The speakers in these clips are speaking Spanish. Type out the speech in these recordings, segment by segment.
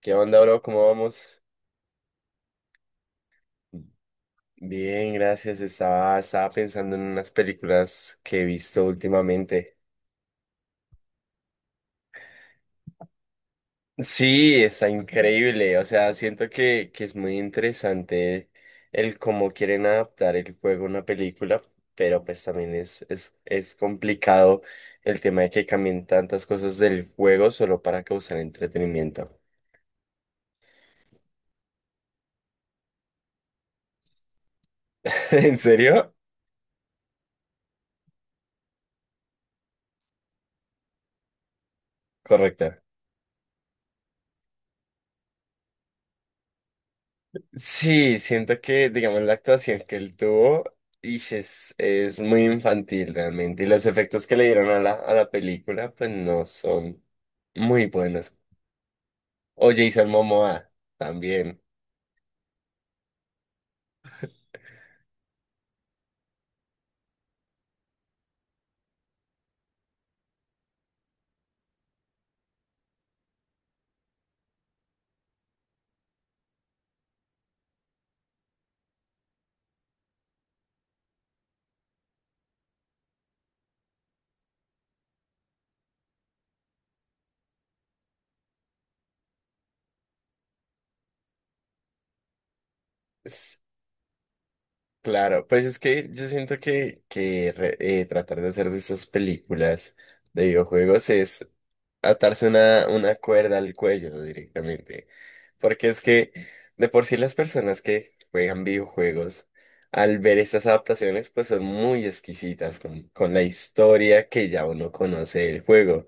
¿Qué onda, bro? ¿Cómo vamos? Bien, gracias. Estaba pensando en unas películas que he visto últimamente. Sí, está increíble. O sea, siento que es muy interesante el cómo quieren adaptar el juego a una película, pero pues también es complicado el tema de que cambien tantas cosas del juego solo para causar entretenimiento. ¿En serio? Correcto. Sí, siento que, digamos, la actuación que él tuvo ish, es muy infantil realmente. Y los efectos que le dieron a la película, pues no son muy buenos. O Jason Momoa también. Claro, pues es que yo siento que, tratar de hacer de estas películas de videojuegos es atarse una cuerda al cuello directamente. Porque es que de por sí las personas que juegan videojuegos, al ver estas adaptaciones, pues son muy exquisitas con la historia que ya uno conoce del juego.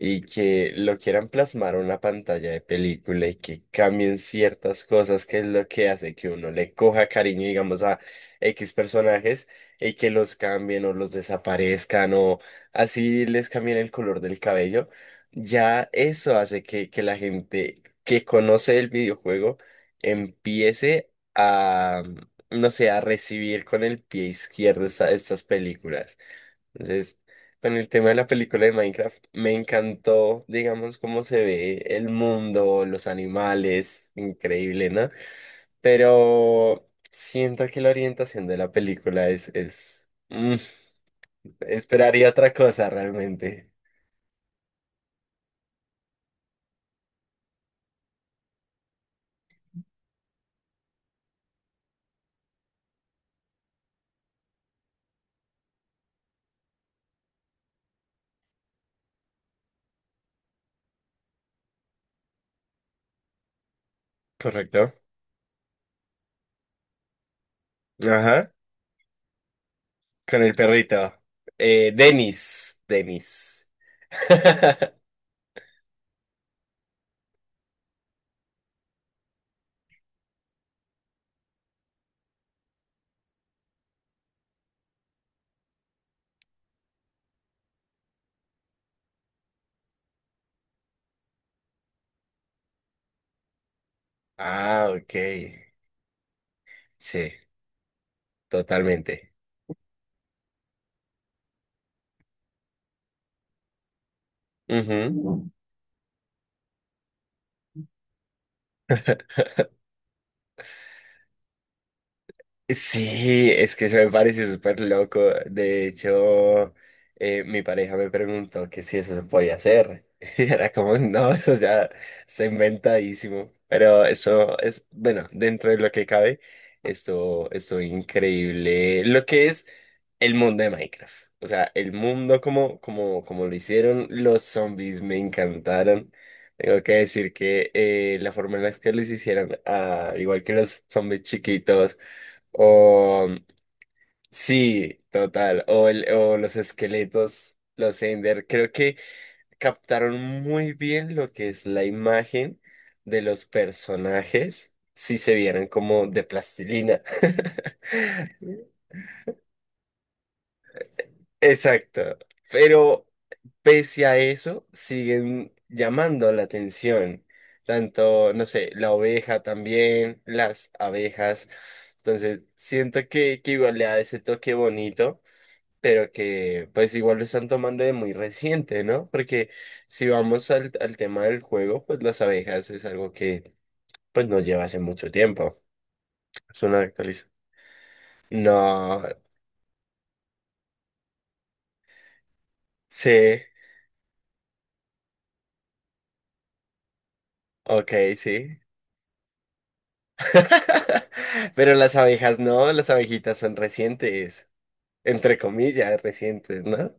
Y que lo quieran plasmar a una pantalla de película y que cambien ciertas cosas, que es lo que hace que uno le coja cariño, digamos, X personajes y que los cambien o los desaparezcan o así les cambien el color del cabello, ya eso hace que la gente que conoce el videojuego empiece a, no sé, a recibir con el pie izquierdo estas películas. Entonces, con el tema de la película de Minecraft, me encantó, digamos, cómo se ve el mundo, los animales, increíble, ¿no? Pero siento que la orientación de la película. Esperaría otra cosa realmente. Correcto. Ajá. Con el perrito. Dennis. Dennis. Ah, ok. Sí, totalmente. Ujú. Sí, es que eso me parece súper loco. De hecho, mi pareja me preguntó que si eso se podía hacer. Y era como, no, eso ya está inventadísimo. Pero eso es, bueno, dentro de lo que cabe, esto increíble. Lo que es el mundo de Minecraft. O sea, el mundo como lo hicieron los zombies me encantaron. Tengo que decir que la forma en la que los hicieron, igual que los zombies chiquitos. O sí, total. O, o los esqueletos, los Ender. Creo que captaron muy bien lo que es la imagen de los personajes si se vieran como de plastilina. Exacto. Pero pese a eso, siguen llamando la atención. Tanto, no sé, la oveja también, las abejas. Entonces, siento que igual le da ese toque bonito. Pero que pues igual lo están tomando de muy reciente, ¿no? Porque si vamos al tema del juego, pues las abejas es algo que pues no lleva hace mucho tiempo. Es una actualización. No, sí, ok, sí. Pero las abejas no, las abejitas son recientes, entre comillas, recientes, ¿no?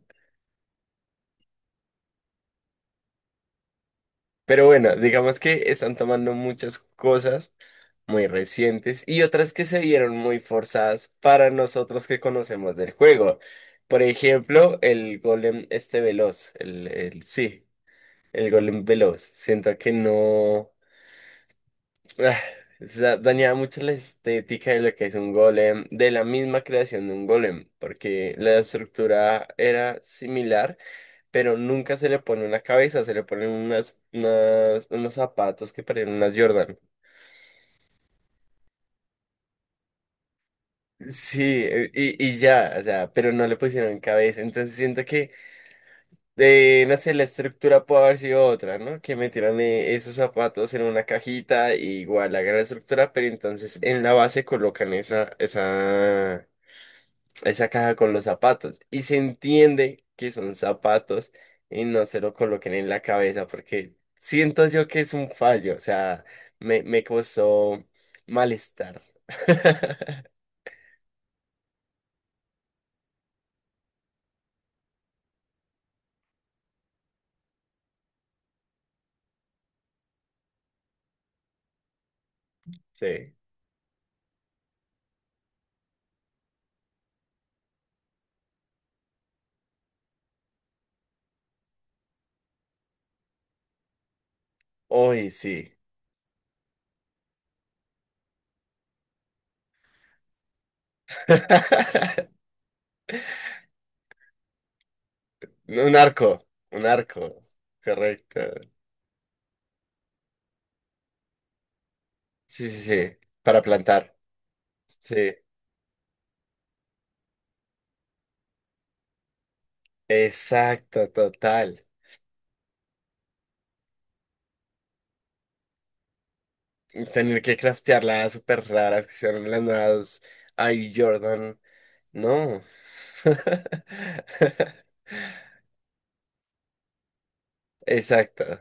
Pero bueno, digamos que están tomando muchas cosas muy recientes y otras que se vieron muy forzadas para nosotros que conocemos del juego. Por ejemplo, el golem este veloz, el sí, el golem veloz. Siento que no ah, o sea, dañaba mucho la estética de lo que es un golem, de la misma creación de un golem, porque la estructura era similar, pero nunca se le pone una cabeza, se le ponen unos zapatos que parecen unas Jordan. Sí, y ya, o sea, pero no le pusieron cabeza. Entonces siento que, no sé, la estructura puede haber sido otra, ¿no? Que metieran esos zapatos en una cajita, y igual hagan la estructura, pero entonces en la base colocan esa caja con los zapatos. Y se entiende que son zapatos y no se lo coloquen en la cabeza, porque siento yo que es un fallo, o sea, me causó malestar. Sí. Hoy sí. Un arco, correcto. Sí, sí, sí, para plantar. Sí, exacto, total. Tener que craftear las súper raras que son las nuevas Air Jordan. No. Exacto,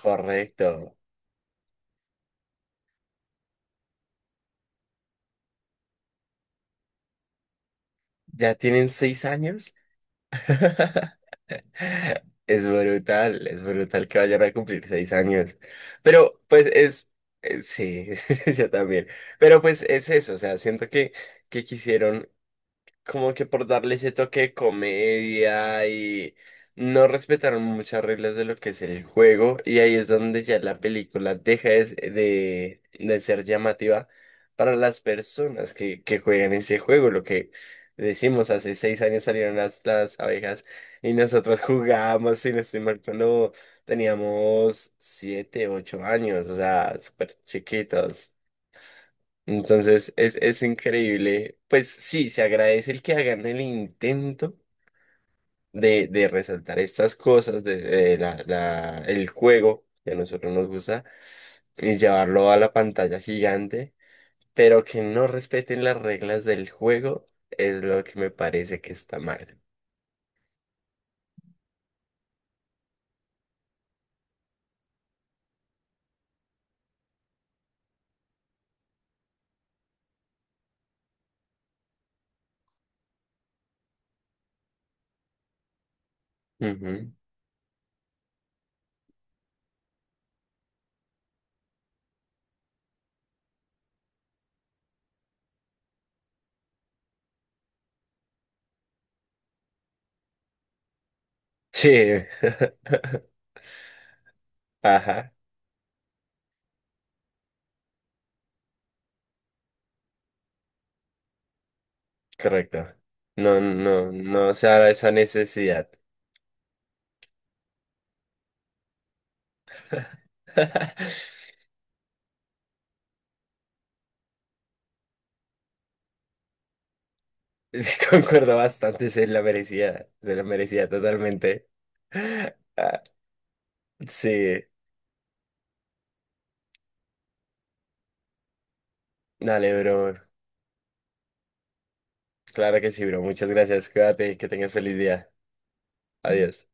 correcto. ¿Ya tienen 6 años? Es brutal que vayan a cumplir 6 años. Pero pues es, sí, yo también. Pero pues es eso, o sea, siento que quisieron como que por darle ese toque de comedia y no respetaron muchas reglas de lo que es el juego y ahí es donde ya la película deja de ser llamativa para las personas que juegan ese juego, lo que decimos, hace 6 años salieron las abejas y nosotros jugábamos, si no estoy mal, cuando teníamos 7, 8 años, o sea, súper chiquitos. Entonces es increíble. Pues sí, se agradece el que hagan el intento de resaltar estas cosas, de el juego que a nosotros nos gusta, y llevarlo a la pantalla gigante, pero que no respeten las reglas del juego es lo que me parece que está mal. Ujú. Sí. Ajá, correcto. No, no, no se da esa necesidad. Concuerdo bastante, se la merecía totalmente. Ah, sí, dale, bro. Claro que sí, bro. Muchas gracias. Cuídate, que tengas feliz día. Adiós.